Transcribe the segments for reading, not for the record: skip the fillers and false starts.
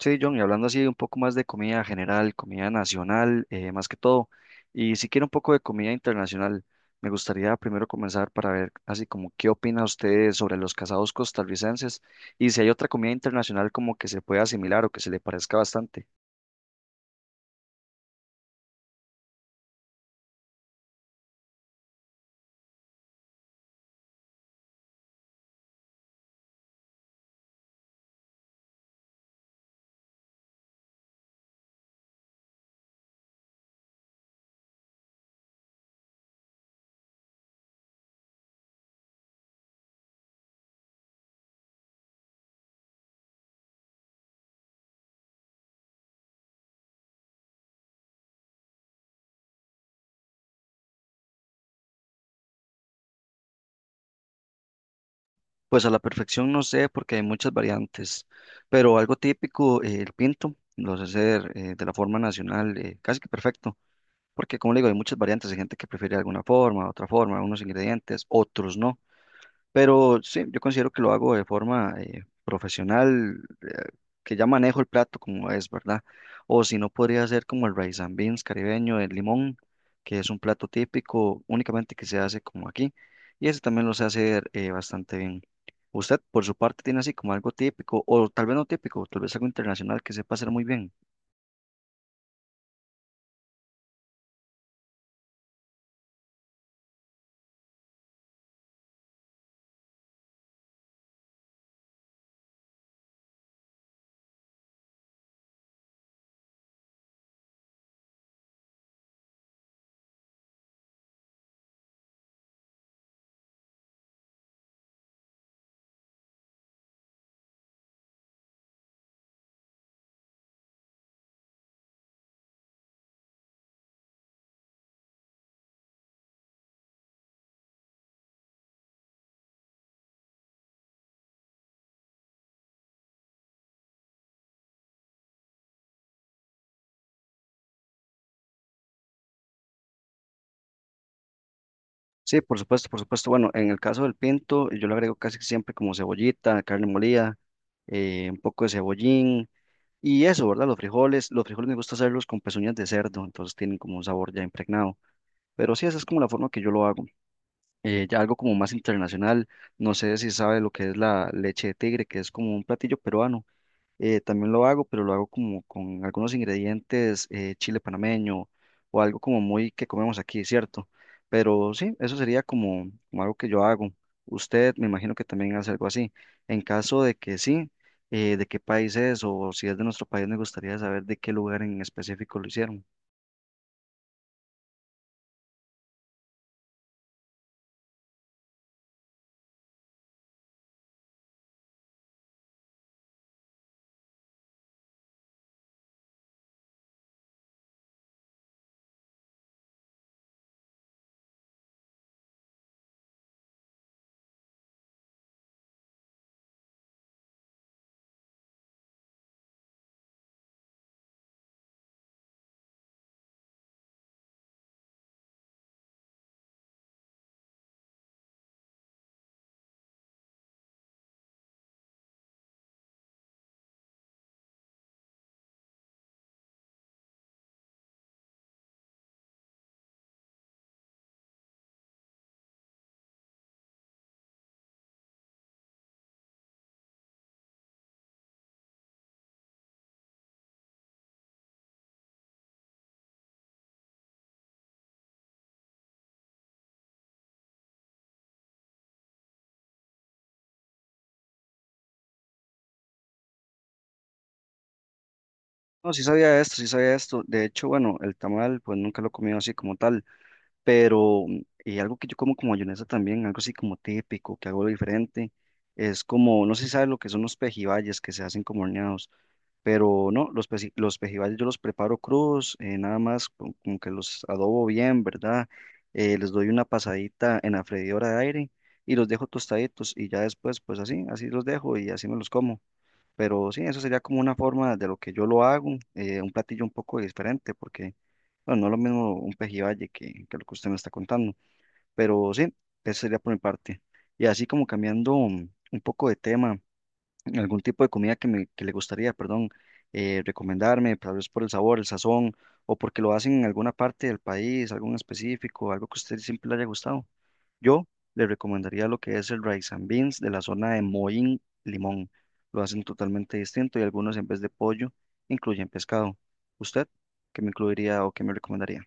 Sí, John, y hablando así un poco más de comida general, comida nacional, más que todo, y si quiere un poco de comida internacional, me gustaría primero comenzar para ver así como qué opina usted sobre los casados costarricenses y si hay otra comida internacional como que se pueda asimilar o que se le parezca bastante. Pues a la perfección no sé porque hay muchas variantes, pero algo típico, el pinto, lo sé hacer de la forma nacional, casi que perfecto, porque como le digo, hay muchas variantes, hay gente que prefiere alguna forma, otra forma, unos ingredientes, otros no. Pero sí, yo considero que lo hago de forma profesional, que ya manejo el plato como es, ¿verdad? O si no, podría ser como el rice and beans caribeño, el limón, que es un plato típico únicamente que se hace como aquí. Y ese también lo sé hacer bastante bien. ¿Usted, por su parte, tiene así como algo típico, o tal vez no típico, tal vez algo internacional que sepa hacer muy bien? Sí, por supuesto, por supuesto. Bueno, en el caso del pinto, yo le agrego casi siempre como cebollita, carne molida, un poco de cebollín y eso, ¿verdad? Los frijoles me gusta hacerlos con pezuñas de cerdo, entonces tienen como un sabor ya impregnado. Pero sí, esa es como la forma que yo lo hago. Ya algo como más internacional, no sé si sabe lo que es la leche de tigre, que es como un platillo peruano. También lo hago, pero lo hago como con algunos ingredientes, chile panameño o algo como muy que comemos aquí, ¿cierto? Pero sí, eso sería como, como algo que yo hago. Usted me imagino que también hace algo así. En caso de que sí, ¿de qué país es? O si es de nuestro país, me gustaría saber de qué lugar en específico lo hicieron. No, sí sabía esto, sí sabía esto. De hecho, bueno, el tamal, pues nunca lo he comido así como tal. Pero algo que yo como como mayonesa también, algo así como típico, que hago diferente, es como, no sé si sabes lo que son los pejibayes que se hacen como horneados, pero no, los, los pejibayes yo los preparo crudos, nada más como que los adobo bien, ¿verdad? Les doy una pasadita en la freidora de aire y los dejo tostaditos y ya después, pues así, así los dejo y así me los como. Pero sí, eso sería como una forma de lo que yo lo hago, un platillo un poco diferente, porque bueno, no es lo mismo un pejibaye que lo que usted me está contando, pero sí, eso sería por mi parte. Y así como cambiando un poco de tema, algún tipo de comida que le gustaría, perdón, recomendarme, tal vez por el sabor, el sazón, o porque lo hacen en alguna parte del país, algo en específico, algo que a usted siempre le haya gustado. Yo le recomendaría lo que es el rice and beans de la zona de Moín Limón. Lo hacen totalmente distinto y algunos en vez de pollo incluyen pescado. ¿Usted qué me incluiría o qué me recomendaría?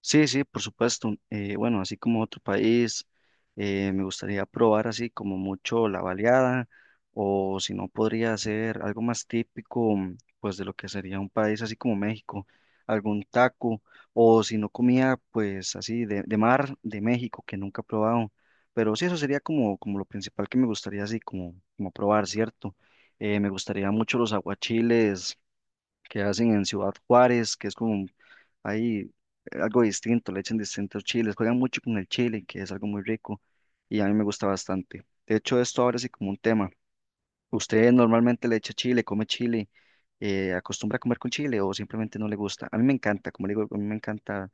Sí, sí, por supuesto. Bueno, así como otro país, me gustaría probar así como mucho la baleada o si no podría ser algo más típico, mm, pues de lo que sería un país así como México, algún taco o si no comía pues así de mar de México que nunca he probado. Pero sí, eso sería como, como lo principal que me gustaría así como, como probar, ¿cierto? Me gustaría mucho los aguachiles que hacen en Ciudad Juárez, que es como hay algo distinto, le echan distintos chiles, juegan mucho con el chile, que es algo muy rico y a mí me gusta bastante. De hecho, esto ahora sí como un tema. ¿Usted normalmente le echa chile, come chile, acostumbra a comer con chile o simplemente no le gusta? A mí me encanta, como le digo, a mí me encanta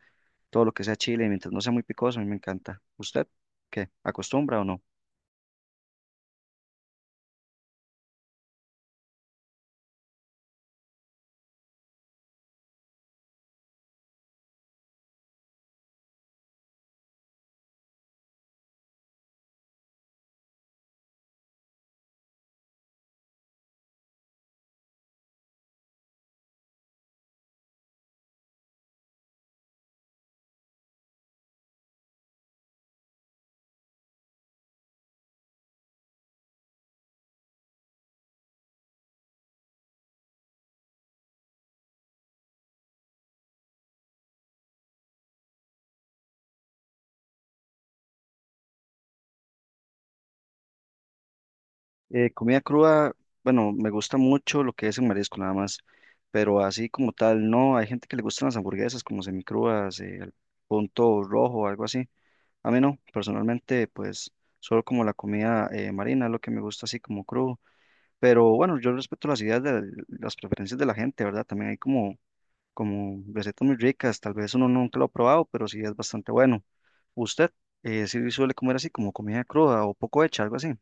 todo lo que sea chile, mientras no sea muy picoso, a mí me encanta. ¿Usted qué? ¿Acostumbra o no? Comida cruda, bueno, me gusta mucho lo que es en marisco nada más, pero así como tal, no, hay gente que le gustan las hamburguesas como semicrudas, al punto rojo, algo así. A mí no, personalmente, pues solo como la comida marina, lo que me gusta así como crudo. Pero bueno, yo respeto las ideas de las preferencias de la gente, ¿verdad? También hay como, como recetas muy ricas, tal vez uno nunca lo ha probado, pero sí es bastante bueno. ¿Usted sí suele comer así como comida cruda o poco hecha, algo así?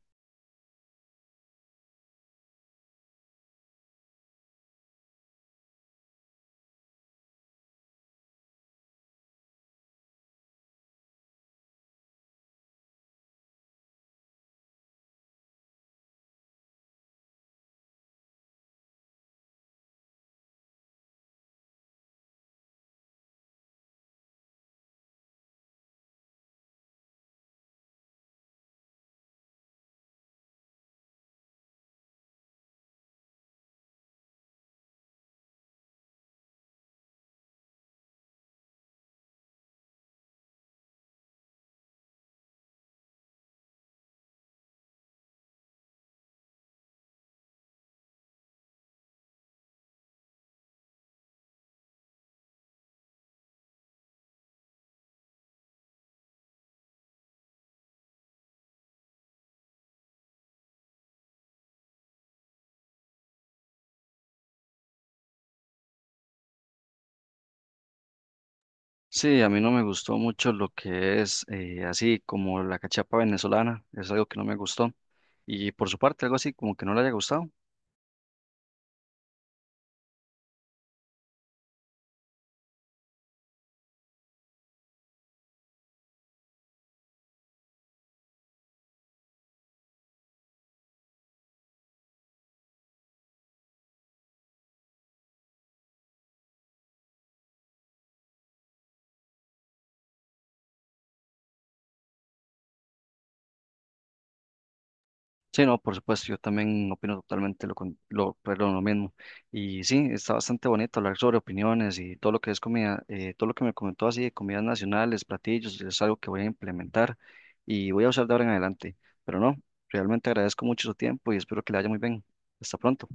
Sí, a mí no me gustó mucho lo que es así como la cachapa venezolana, es algo que no me gustó. Y por su parte, algo así como que no le haya gustado. Sí, no, por supuesto, yo también opino totalmente lo, con- lo, perdón, lo mismo. Y sí, está bastante bonito hablar sobre opiniones y todo lo que es comida, todo lo que me comentó así de comidas nacionales, platillos, es algo que voy a implementar y voy a usar de ahora en adelante. Pero no, realmente agradezco mucho su tiempo y espero que le haya muy bien. Hasta pronto.